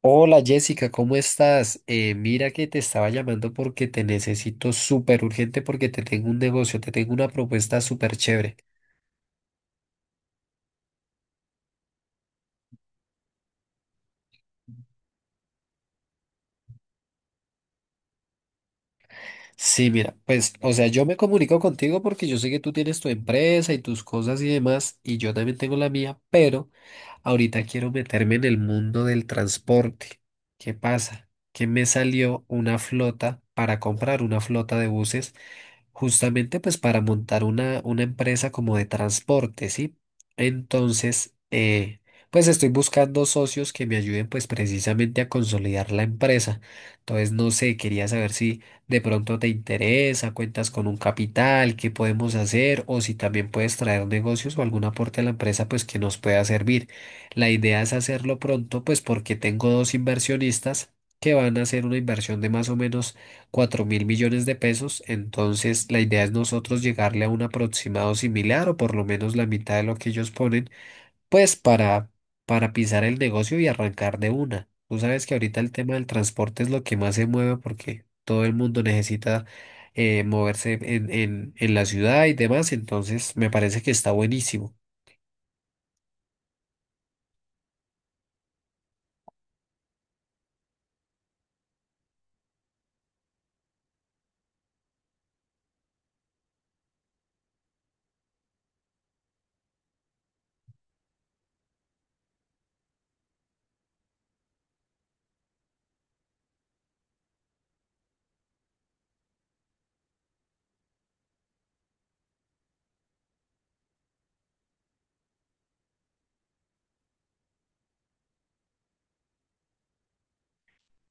Hola Jessica, ¿cómo estás? Mira que te estaba llamando porque te necesito súper urgente porque te tengo un negocio, te tengo una propuesta súper chévere. Sí, mira, pues, o sea, yo me comunico contigo porque yo sé que tú tienes tu empresa y tus cosas y demás, y yo también tengo la mía, pero ahorita quiero meterme en el mundo del transporte. ¿Qué pasa? Que me salió una flota para comprar una flota de buses, justamente pues para montar una empresa como de transporte, ¿sí? Entonces, pues estoy buscando socios que me ayuden pues precisamente a consolidar la empresa. Entonces, no sé, quería saber si de pronto te interesa, cuentas con un capital, qué podemos hacer, o si también puedes traer negocios o algún aporte a la empresa, pues que nos pueda servir. La idea es hacerlo pronto, pues porque tengo dos inversionistas que van a hacer una inversión de más o menos 4.000 millones de pesos, entonces la idea es nosotros llegarle a un aproximado similar o por lo menos la mitad de lo que ellos ponen pues para pisar el negocio y arrancar de una. Tú sabes que ahorita el tema del transporte es lo que más se mueve porque todo el mundo necesita moverse en la ciudad y demás, entonces me parece que está buenísimo.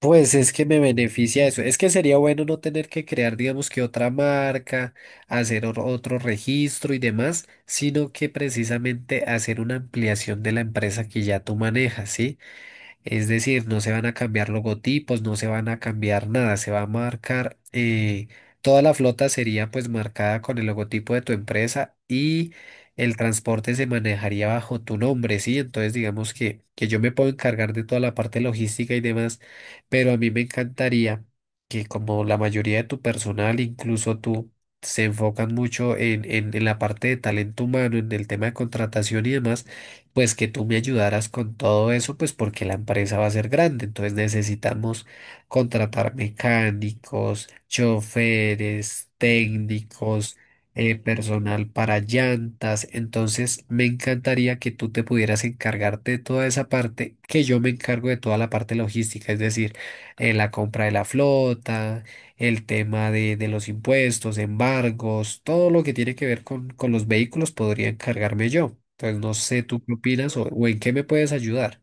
Pues es que me beneficia eso. Es que sería bueno no tener que crear, digamos que otra marca, hacer otro registro y demás, sino que precisamente hacer una ampliación de la empresa que ya tú manejas, ¿sí? Es decir, no se van a cambiar logotipos, no se van a cambiar nada, se va a marcar, toda la flota sería pues marcada con el logotipo de tu empresa y el transporte se manejaría bajo tu nombre, ¿sí? Entonces digamos que yo me puedo encargar de toda la parte logística y demás, pero a mí me encantaría que como la mayoría de tu personal, incluso tú, se enfocan mucho en, en la parte de talento humano, en el tema de contratación y demás pues que tú me ayudaras con todo eso, pues porque la empresa va a ser grande, entonces necesitamos contratar mecánicos, choferes, técnicos, personal para llantas, entonces me encantaría que tú te pudieras encargarte de toda esa parte, que yo me encargo de toda la parte logística, es decir, la compra de la flota, el tema de los impuestos, embargos, todo lo que tiene que ver con los vehículos podría encargarme yo. Entonces, no sé tú qué opinas o en qué me puedes ayudar.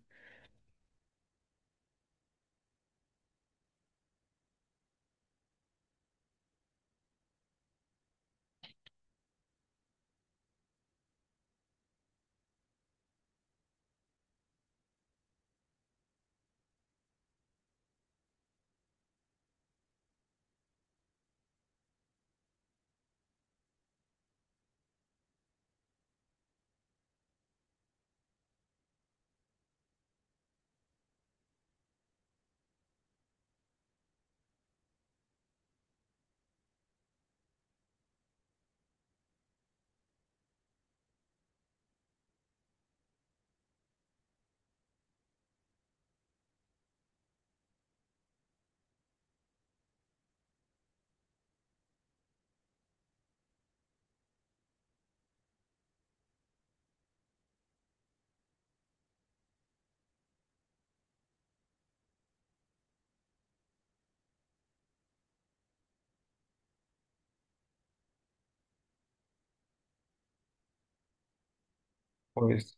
Pues,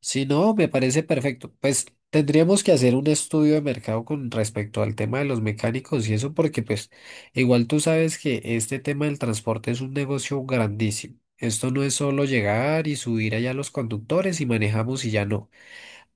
si no, me parece perfecto. Pues tendríamos que hacer un estudio de mercado con respecto al tema de los mecánicos y eso porque pues igual tú sabes que este tema del transporte es un negocio grandísimo. Esto no es solo llegar y subir allá los conductores y manejamos y ya no,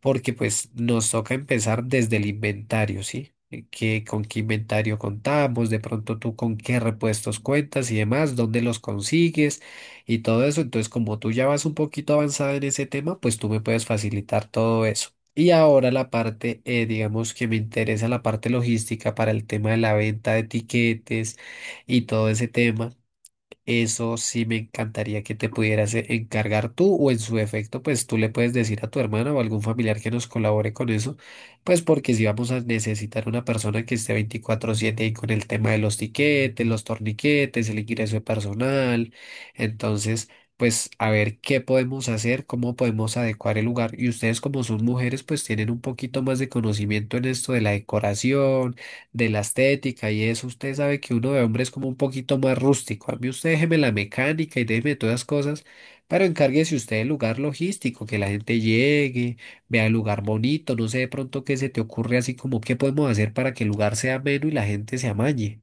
porque pues nos toca empezar desde el inventario, ¿sí? ¿Con qué inventario contamos? De pronto tú con qué repuestos cuentas y demás, dónde los consigues y todo eso. Entonces, como tú ya vas un poquito avanzada en ese tema, pues tú me puedes facilitar todo eso. Y ahora la parte, digamos que me interesa la parte logística para el tema de la venta de etiquetes y todo ese tema. Eso sí me encantaría que te pudieras encargar tú o en su defecto, pues tú le puedes decir a tu hermana o algún familiar que nos colabore con eso, pues porque si vamos a necesitar una persona que esté 24/7 ahí con el tema de los tiquetes, los torniquetes, el ingreso de personal, entonces, pues a ver qué podemos hacer, cómo podemos adecuar el lugar y ustedes como son mujeres, pues tienen un poquito más de conocimiento en esto de la decoración, de la estética y eso, usted sabe que uno de hombre es como un poquito más rústico. A mí usted déjeme la mecánica y déjeme todas las cosas, pero encárguese usted del lugar logístico, que la gente llegue, vea el lugar bonito, no sé de pronto qué se te ocurre así como qué podemos hacer para que el lugar sea ameno y la gente se amañe.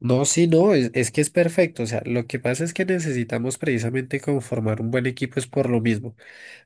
No, sí, no, es que es perfecto. O sea, lo que pasa es que necesitamos precisamente conformar un buen equipo es por lo mismo,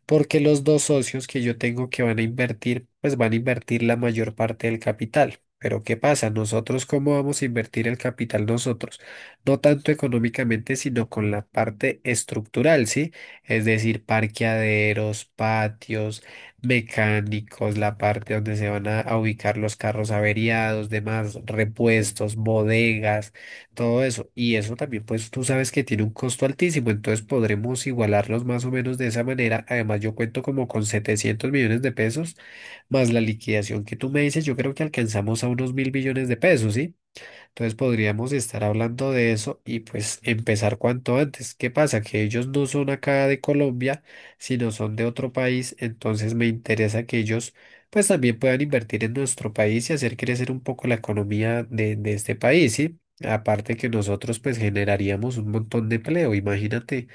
porque los dos socios que yo tengo que van a invertir, pues van a invertir la mayor parte del capital. Pero ¿qué pasa? Nosotros, ¿cómo vamos a invertir el capital nosotros? No tanto económicamente, sino con la parte estructural, ¿sí? Es decir, parqueaderos, patios, mecánicos, la parte donde se van a ubicar los carros averiados, demás, repuestos, bodegas, todo eso. Y eso también, pues tú sabes que tiene un costo altísimo, entonces podremos igualarlos más o menos de esa manera. Además, yo cuento como con 700 millones de pesos, más la liquidación que tú me dices, yo creo que alcanzamos a unos 1.000 millones de pesos, ¿sí? Entonces podríamos estar hablando de eso y pues empezar cuanto antes. ¿Qué pasa? Que ellos no son acá de Colombia, sino son de otro país, entonces me interesa que ellos pues también puedan invertir en nuestro país y hacer crecer un poco la economía de este país, ¿sí? Aparte que nosotros pues generaríamos un montón de empleo, imagínate.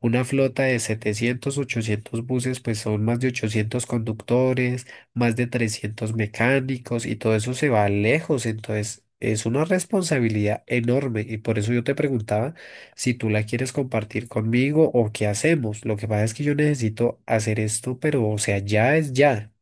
Una flota de 700, 800 buses, pues son más de 800 conductores, más de 300 mecánicos y todo eso se va lejos. Entonces, es una responsabilidad enorme y por eso yo te preguntaba si tú la quieres compartir conmigo o qué hacemos. Lo que pasa es que yo necesito hacer esto, pero o sea, ya es ya.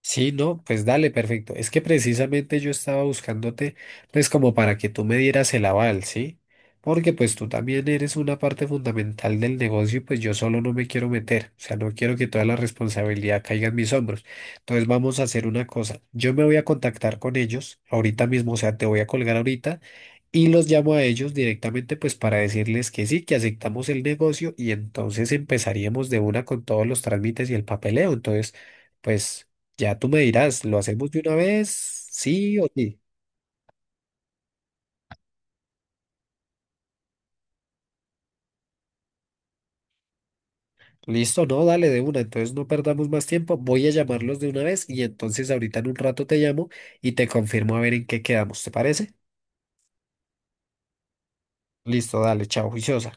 Sí, no, pues dale, perfecto. Es que precisamente yo estaba buscándote, pues como para que tú me dieras el aval, ¿sí? Porque pues tú también eres una parte fundamental del negocio y pues yo solo no me quiero meter, o sea, no quiero que toda la responsabilidad caiga en mis hombros. Entonces vamos a hacer una cosa, yo me voy a contactar con ellos ahorita mismo, o sea, te voy a colgar ahorita y los llamo a ellos directamente pues para decirles que sí, que aceptamos el negocio y entonces empezaríamos de una con todos los trámites y el papeleo. Entonces, pues. Ya tú me dirás, ¿lo hacemos de una vez? Sí o sí. Listo, no, dale de una, entonces no perdamos más tiempo, voy a llamarlos de una vez y entonces ahorita en un rato te llamo y te confirmo a ver en qué quedamos, ¿te parece? Listo, dale, chao, juiciosa.